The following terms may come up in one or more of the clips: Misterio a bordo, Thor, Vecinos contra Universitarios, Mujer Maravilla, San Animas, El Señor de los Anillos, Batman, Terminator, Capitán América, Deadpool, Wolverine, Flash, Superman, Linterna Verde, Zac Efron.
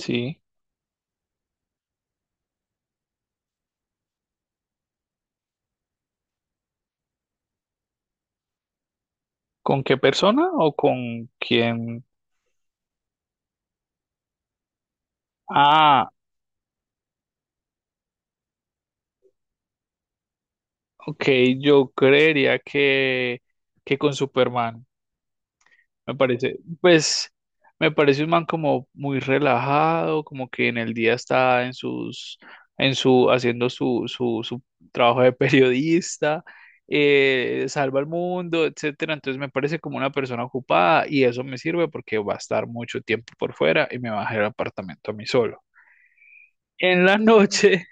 Sí. ¿Con qué persona o con quién? Ah, ok, yo creería que con Superman. Me parece, pues, me parece un man como muy relajado, como que en el día está en haciendo su trabajo de periodista, salva al mundo, etcétera. Entonces me parece como una persona ocupada y eso me sirve porque va a estar mucho tiempo por fuera y me va a dejar el apartamento a mí solo. En la noche.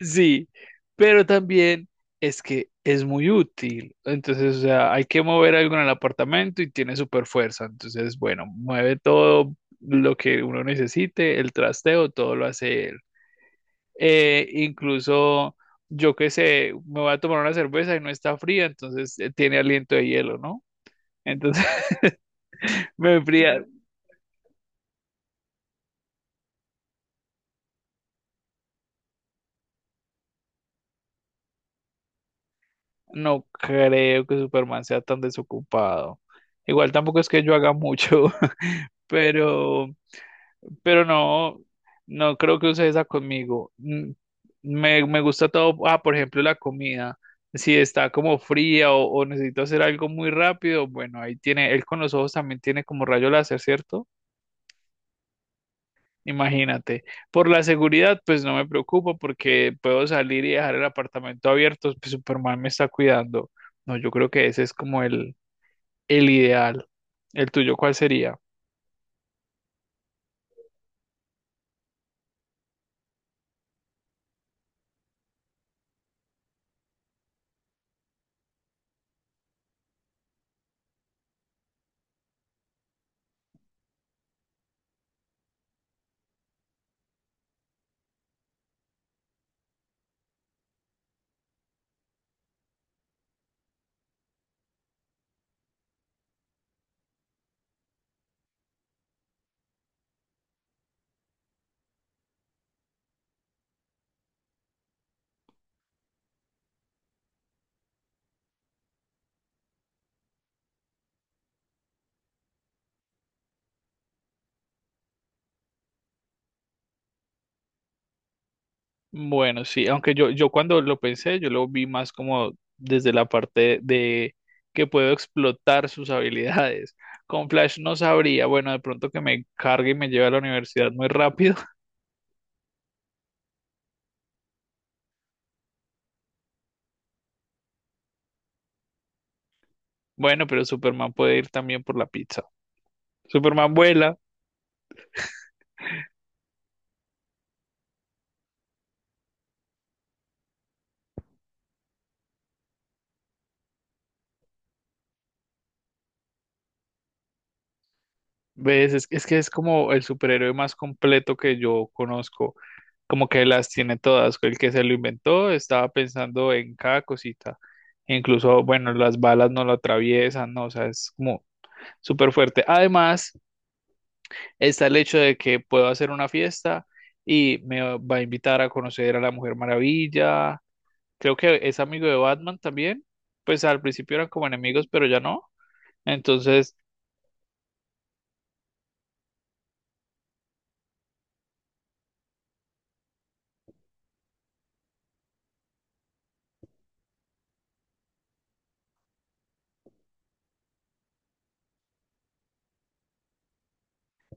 Sí, pero también es que es muy útil. Entonces, o sea, hay que mover algo en el apartamento y tiene super fuerza. Entonces, bueno, mueve todo lo que uno necesite, el trasteo, todo lo hace él. Incluso, yo qué sé, me voy a tomar una cerveza y no está fría, entonces tiene aliento de hielo, ¿no? Entonces, me fría. No creo que Superman sea tan desocupado. Igual tampoco es que yo haga mucho, pero... Pero no, no creo que use esa conmigo. Me gusta todo, ah, por ejemplo, la comida. Si está como fría o necesito hacer algo muy rápido, bueno, ahí tiene, él con los ojos también tiene como rayo láser, ¿cierto? Imagínate. Por la seguridad, pues no me preocupo porque puedo salir y dejar el apartamento abierto, pues Superman me está cuidando. No, yo creo que ese es como el ideal. ¿El tuyo cuál sería? Bueno, sí, aunque yo cuando lo pensé, yo lo vi más como desde la parte de que puedo explotar sus habilidades. Con Flash no sabría, bueno, de pronto que me cargue y me lleve a la universidad muy rápido. Bueno, pero Superman puede ir también por la pizza. Superman vuela. ¿Ves? Es que es como el superhéroe más completo que yo conozco, como que las tiene todas, el que se lo inventó estaba pensando en cada cosita, incluso, bueno, las balas no lo atraviesan, ¿no? O sea, es como súper fuerte. Además, está el hecho de que puedo hacer una fiesta y me va a invitar a conocer a la Mujer Maravilla, creo que es amigo de Batman también, pues al principio eran como enemigos, pero ya no. Entonces,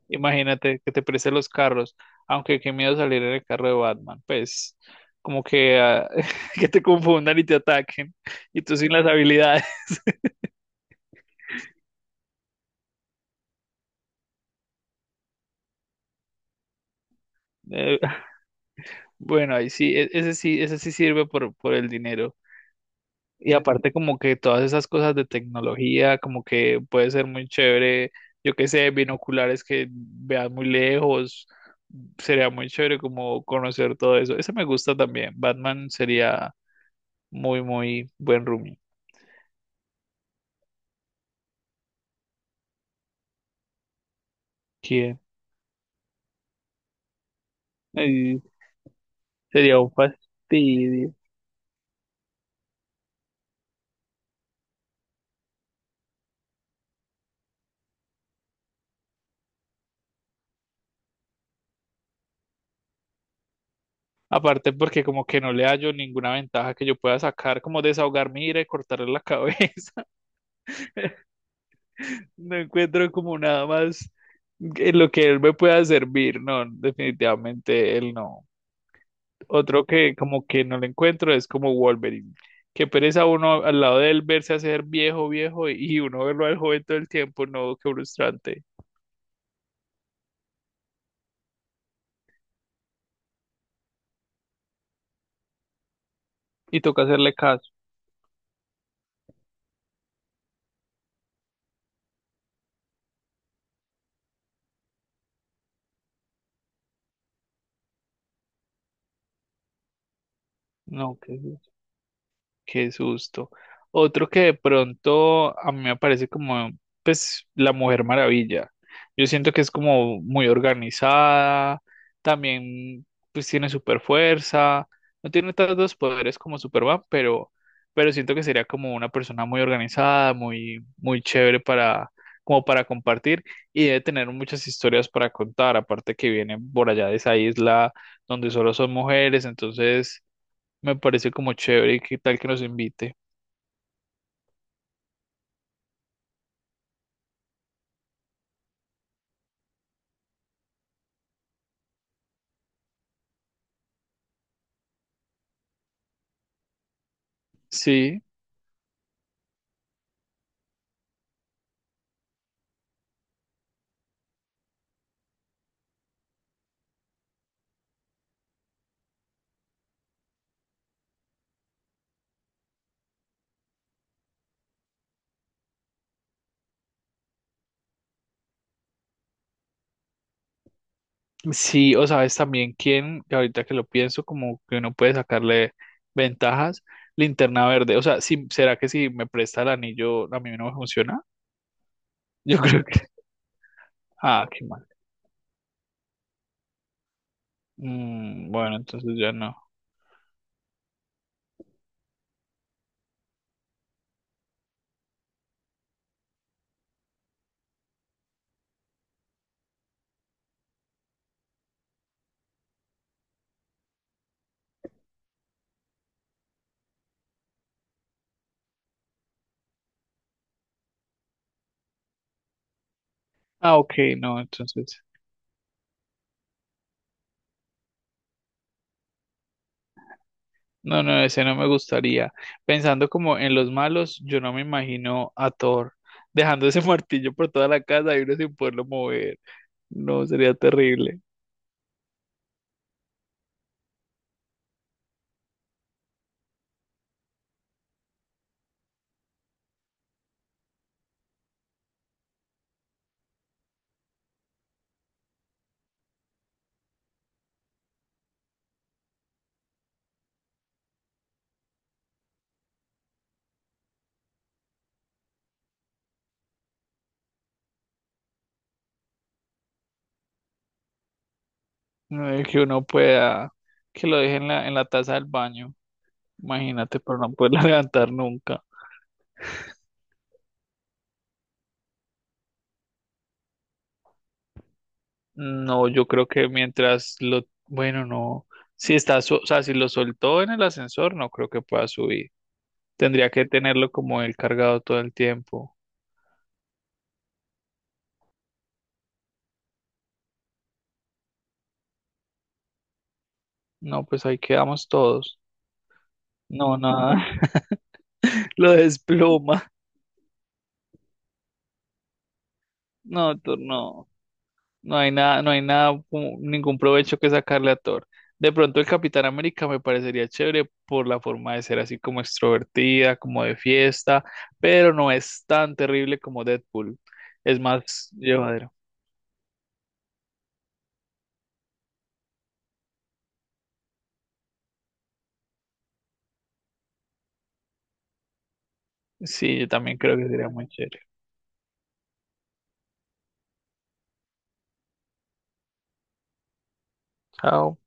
imagínate que te preste los carros, aunque qué miedo salir en el carro de Batman, pues como que, ah, que te confundan y te ataquen y tú sin las habilidades. Eh, bueno, ahí sí, ese sí, ese sí sirve por el dinero. Y aparte como que todas esas cosas de tecnología, como que puede ser muy chévere, yo qué sé, binoculares que veas muy lejos, sería muy chévere como conocer todo eso. Ese me gusta también, Batman sería muy, muy buen roomie. ¿Quién? Sería un fastidio. Aparte porque como que no le hallo ninguna ventaja que yo pueda sacar, como desahogarme y ir a cortarle la cabeza. No encuentro como nada más en lo que él me pueda servir. No, definitivamente él no. Otro que como que no le encuentro es como Wolverine. Que pereza uno al lado de él verse hacer viejo, viejo y uno verlo al joven todo el tiempo. No, qué frustrante. Y toca hacerle caso. No, qué... Qué susto. Otro que de pronto a mí me parece como, pues, la Mujer Maravilla. Yo siento que es como muy organizada, también, pues, tiene super fuerza, no tiene tantos poderes como Superman, pero siento que sería como una persona muy organizada, muy, muy chévere para, como para compartir y debe tener muchas historias para contar, aparte que viene por allá de esa isla donde solo son mujeres, entonces me parece como chévere y qué tal que nos invite. Sí, sí, o sabes también quién, que ahorita que lo pienso, como que uno puede sacarle ventajas, linterna verde. O sea, si, ¿será que si me presta el anillo a mí no me funciona? Yo creo que... Ah, qué mal. Mm, bueno, entonces ya no. Ah, ok, no, entonces... No, no, ese no me gustaría. Pensando como en los malos, yo no me imagino a Thor dejando ese martillo por toda la casa y uno sin poderlo mover. No, sería terrible. No es que uno pueda, que lo deje en en la taza del baño, imagínate, pero no poderla levantar nunca. No, yo creo que mientras lo, bueno, no, si está, o sea, si lo soltó en el ascensor, no creo que pueda subir. Tendría que tenerlo como él cargado todo el tiempo. No, pues ahí quedamos todos. No, nada, lo desploma. No, tú no. No hay nada, no hay nada, como... ningún provecho que sacarle a Thor. De pronto el Capitán América me parecería chévere por la forma de ser así como extrovertida, como de fiesta, pero no es tan terrible como Deadpool. Es más llevadero. Sí, yo también creo que sería muy chévere. Chao.